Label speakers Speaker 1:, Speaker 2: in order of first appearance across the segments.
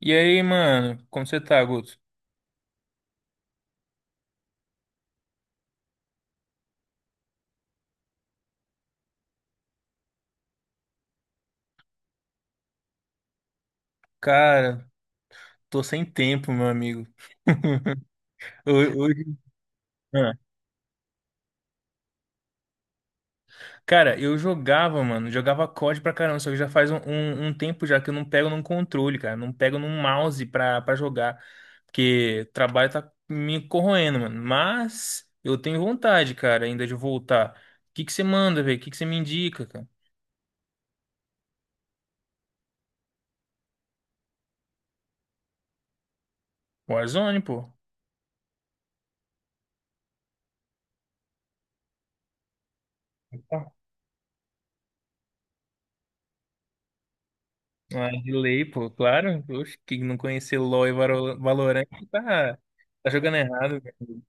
Speaker 1: E aí, mano, como você tá, Guto? Cara, tô sem tempo, meu amigo. Hoje, ah, cara, eu jogava, mano, jogava COD pra caramba, só que já faz um tempo já que eu não pego num controle, cara, não pego num mouse pra, pra jogar, porque o trabalho tá me corroendo, mano. Mas eu tenho vontade, cara, ainda de voltar. O que que você manda, velho? O que que você me indica, cara? Warzone, pô. Ah, de lei, pô, claro. Oxe, quem não conhecer LoL e Valorant tá, tá jogando errado, velho.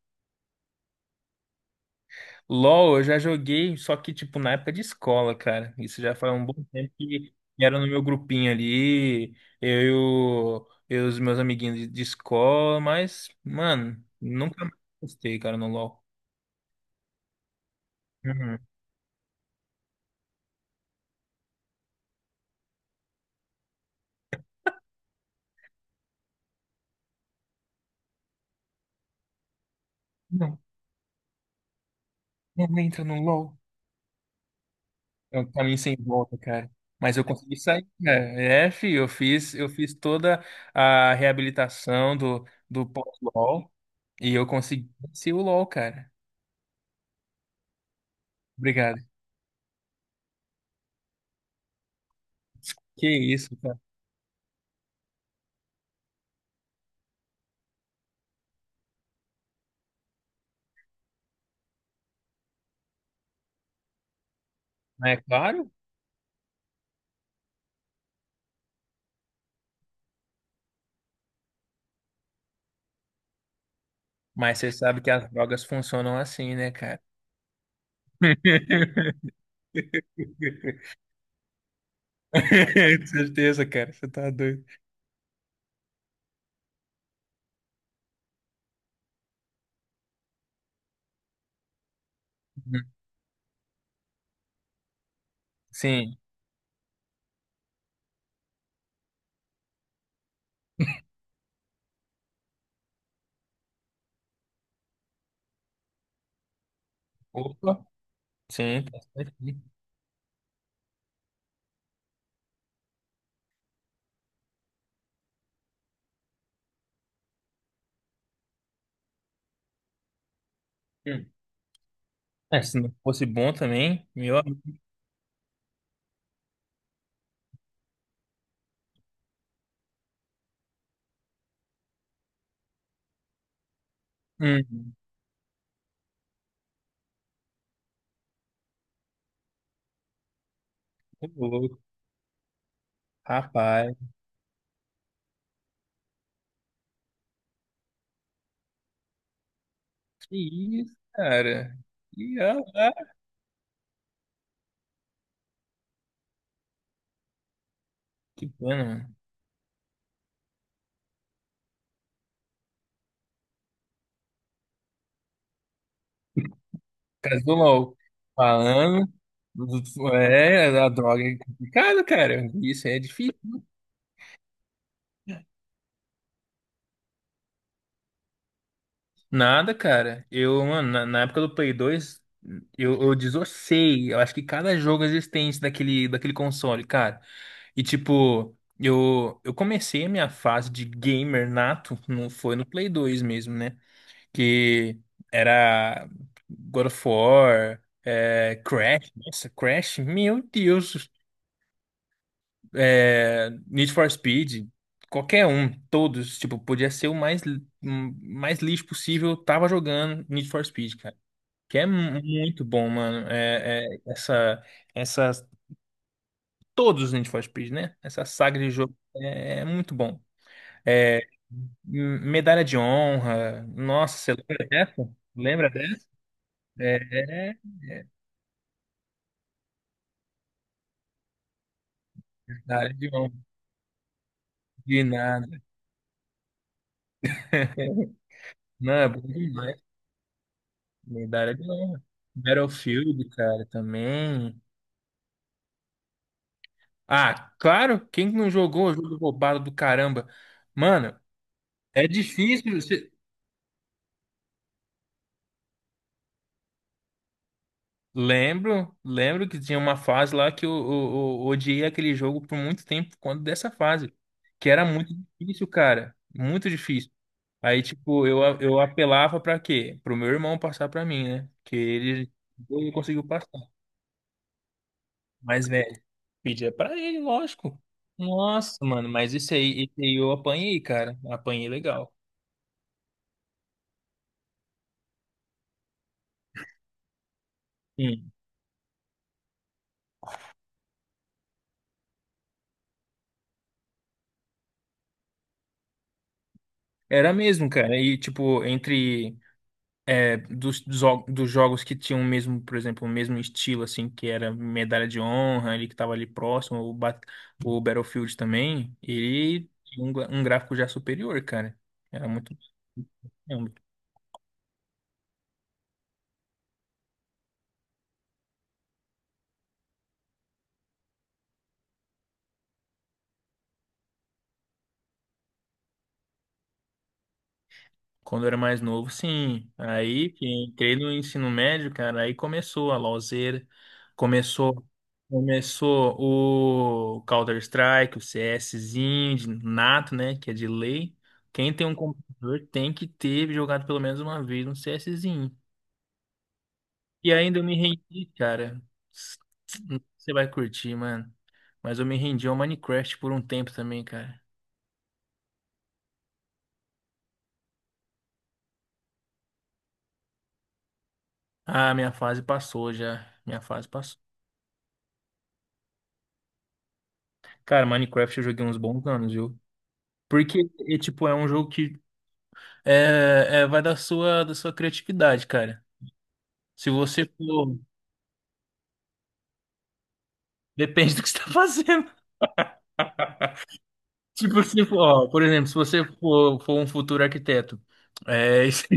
Speaker 1: LoL eu já joguei, só que, tipo, na época de escola, cara. Isso já faz um bom tempo que era no meu grupinho ali, eu e os meus amiguinhos de escola, mas, mano, nunca mais gostei, cara, no LoL. Uhum. Não, não entra no LoL. É um caminho sem volta, cara. Mas eu consegui sair, cara. É, fi, eu fiz toda a reabilitação do, do pós-LOL e eu consegui vencer o LOL, cara. Obrigado. Que isso, cara. Não é claro? Mas você sabe que as drogas funcionam assim, né, cara? Com certeza, cara. Você tá doido. Uhum. Sim. Opa. Sim, tá certo. Hum. É, se não fosse bom também, meu amigo. Hum. Ô, louco. Rapaz. Que isso, cara? E ah lá, que pena, mano. Casou logo. Falando. É, a droga é complicado, cara. Isso é difícil. Nada, cara. Na época do Play 2, eu desossei. Eu acho que cada jogo existente daquele console, cara. E tipo, eu comecei a minha fase de gamer nato, não foi no Play 2 mesmo, né? Que era God of War, é, Crash, nossa, Crash, meu Deus, é, Need for Speed, qualquer um, todos, tipo, podia ser o mais, mais lixo possível, tava jogando Need for Speed, cara. Que é muito bom, mano. Essas, todos os Need for Speed, né? Essa saga de jogo é, é muito bom. É, medalha de honra, nossa, você lembra dessa? Lembra dessa? É, é Da área de honra. De nada. Não, é bom demais. Me da área de honra. Battlefield, cara, também. Ah, claro, quem que não jogou o jogo roubado do caramba? Mano, é difícil, você... Lembro, lembro que tinha uma fase lá que eu odiei aquele jogo por muito tempo, quando dessa fase. Que era muito difícil, cara. Muito difícil. Aí, tipo, eu apelava pra quê? Pro meu irmão passar pra mim, né? Ele conseguiu passar. Mas, velho. Pedia pra ele, lógico. Nossa, mano, mas esse aí eu apanhei, cara. Apanhei legal. Hum. Era mesmo, cara. E, tipo, entre é, dos jogos que tinham o mesmo, por exemplo, o mesmo estilo, assim, que era medalha de honra, ali que tava ali próximo, o Battlefield também, ele tinha um, um gráfico já superior, cara. Era muito. É um. Quando eu era mais novo, sim. Aí que entrei no ensino médio, cara, aí começou a LoLzera, começou, começou o Counter-Strike, o CSzinho, de nato, né, que é de lei. Quem tem um computador tem que ter jogado pelo menos uma vez um CSzinho. E ainda eu me rendi, cara. Você vai curtir, mano. Mas eu me rendi ao Minecraft por um tempo também, cara. Ah, minha fase passou já. Minha fase passou. Cara, Minecraft eu joguei uns bons anos, viu? Porque, e, tipo, é um jogo que é, vai da sua criatividade, cara. Se você for. Depende do que você tá fazendo. Tipo, se for, ó, por exemplo, se você for, for um futuro arquiteto, é, você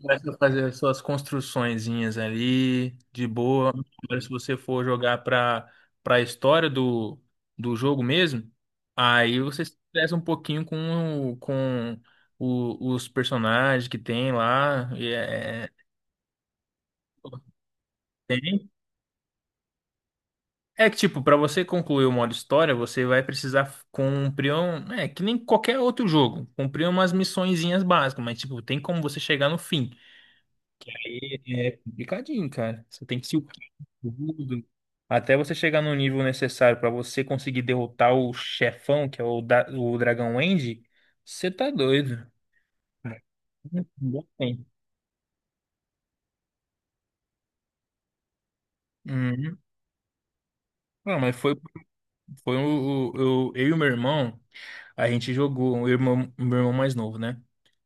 Speaker 1: começa a fazer as suas construçõezinhas ali, de boa. Agora, se você for jogar pra, pra história do, do jogo mesmo, aí você se estressa um pouquinho com, com os personagens que tem lá. Tem. É que, tipo, pra você concluir o modo história, você vai precisar cumprir um... É, que nem qualquer outro jogo. Cumprir umas missõezinhas básicas, mas, tipo, tem como você chegar no fim. Aí é complicadinho, cara. Você tem que se upar tudo. Até você chegar no nível necessário pra você conseguir derrotar o chefão, que é o, da... o Dragão End, você tá doido. Não tem. Uhum. Não, mas foi, foi o, eu e o meu irmão, a gente jogou, o irmão, meu irmão mais novo, né?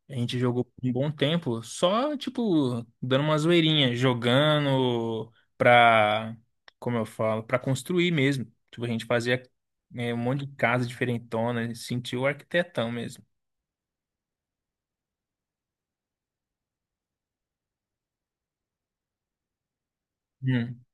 Speaker 1: A gente jogou por um bom tempo, só, tipo, dando uma zoeirinha, jogando pra, como eu falo, pra construir mesmo. Tipo, a gente fazia, né, um monte de casa diferentona, sentiu o arquitetão mesmo. Hum,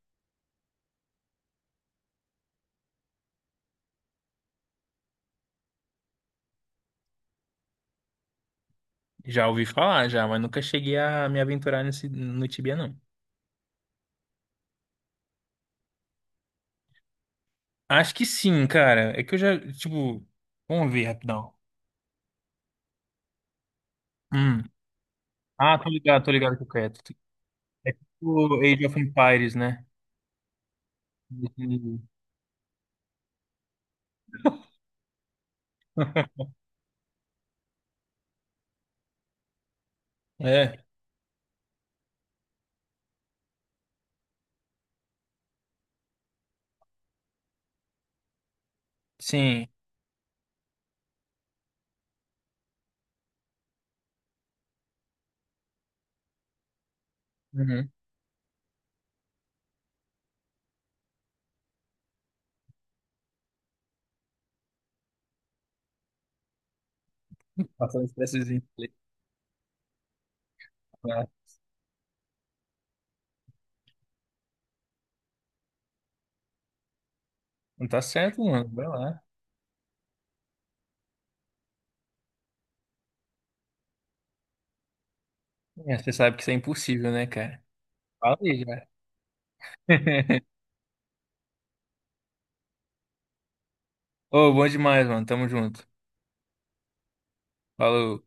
Speaker 1: já ouvi falar, já, mas nunca cheguei a me aventurar nesse, no Tibia, não. Acho que sim, cara. É que eu já, tipo, vamos ver rapidão. Hum. Ah, tô ligado com o Creto. É tipo Age of Empires, né? É, sim. Uhum. Passando expressozinho. Não tá certo, mano. Vai lá. É, você sabe que isso é impossível, né, cara? Fala aí, já. Ô, bom demais, mano. Tamo junto. Falou.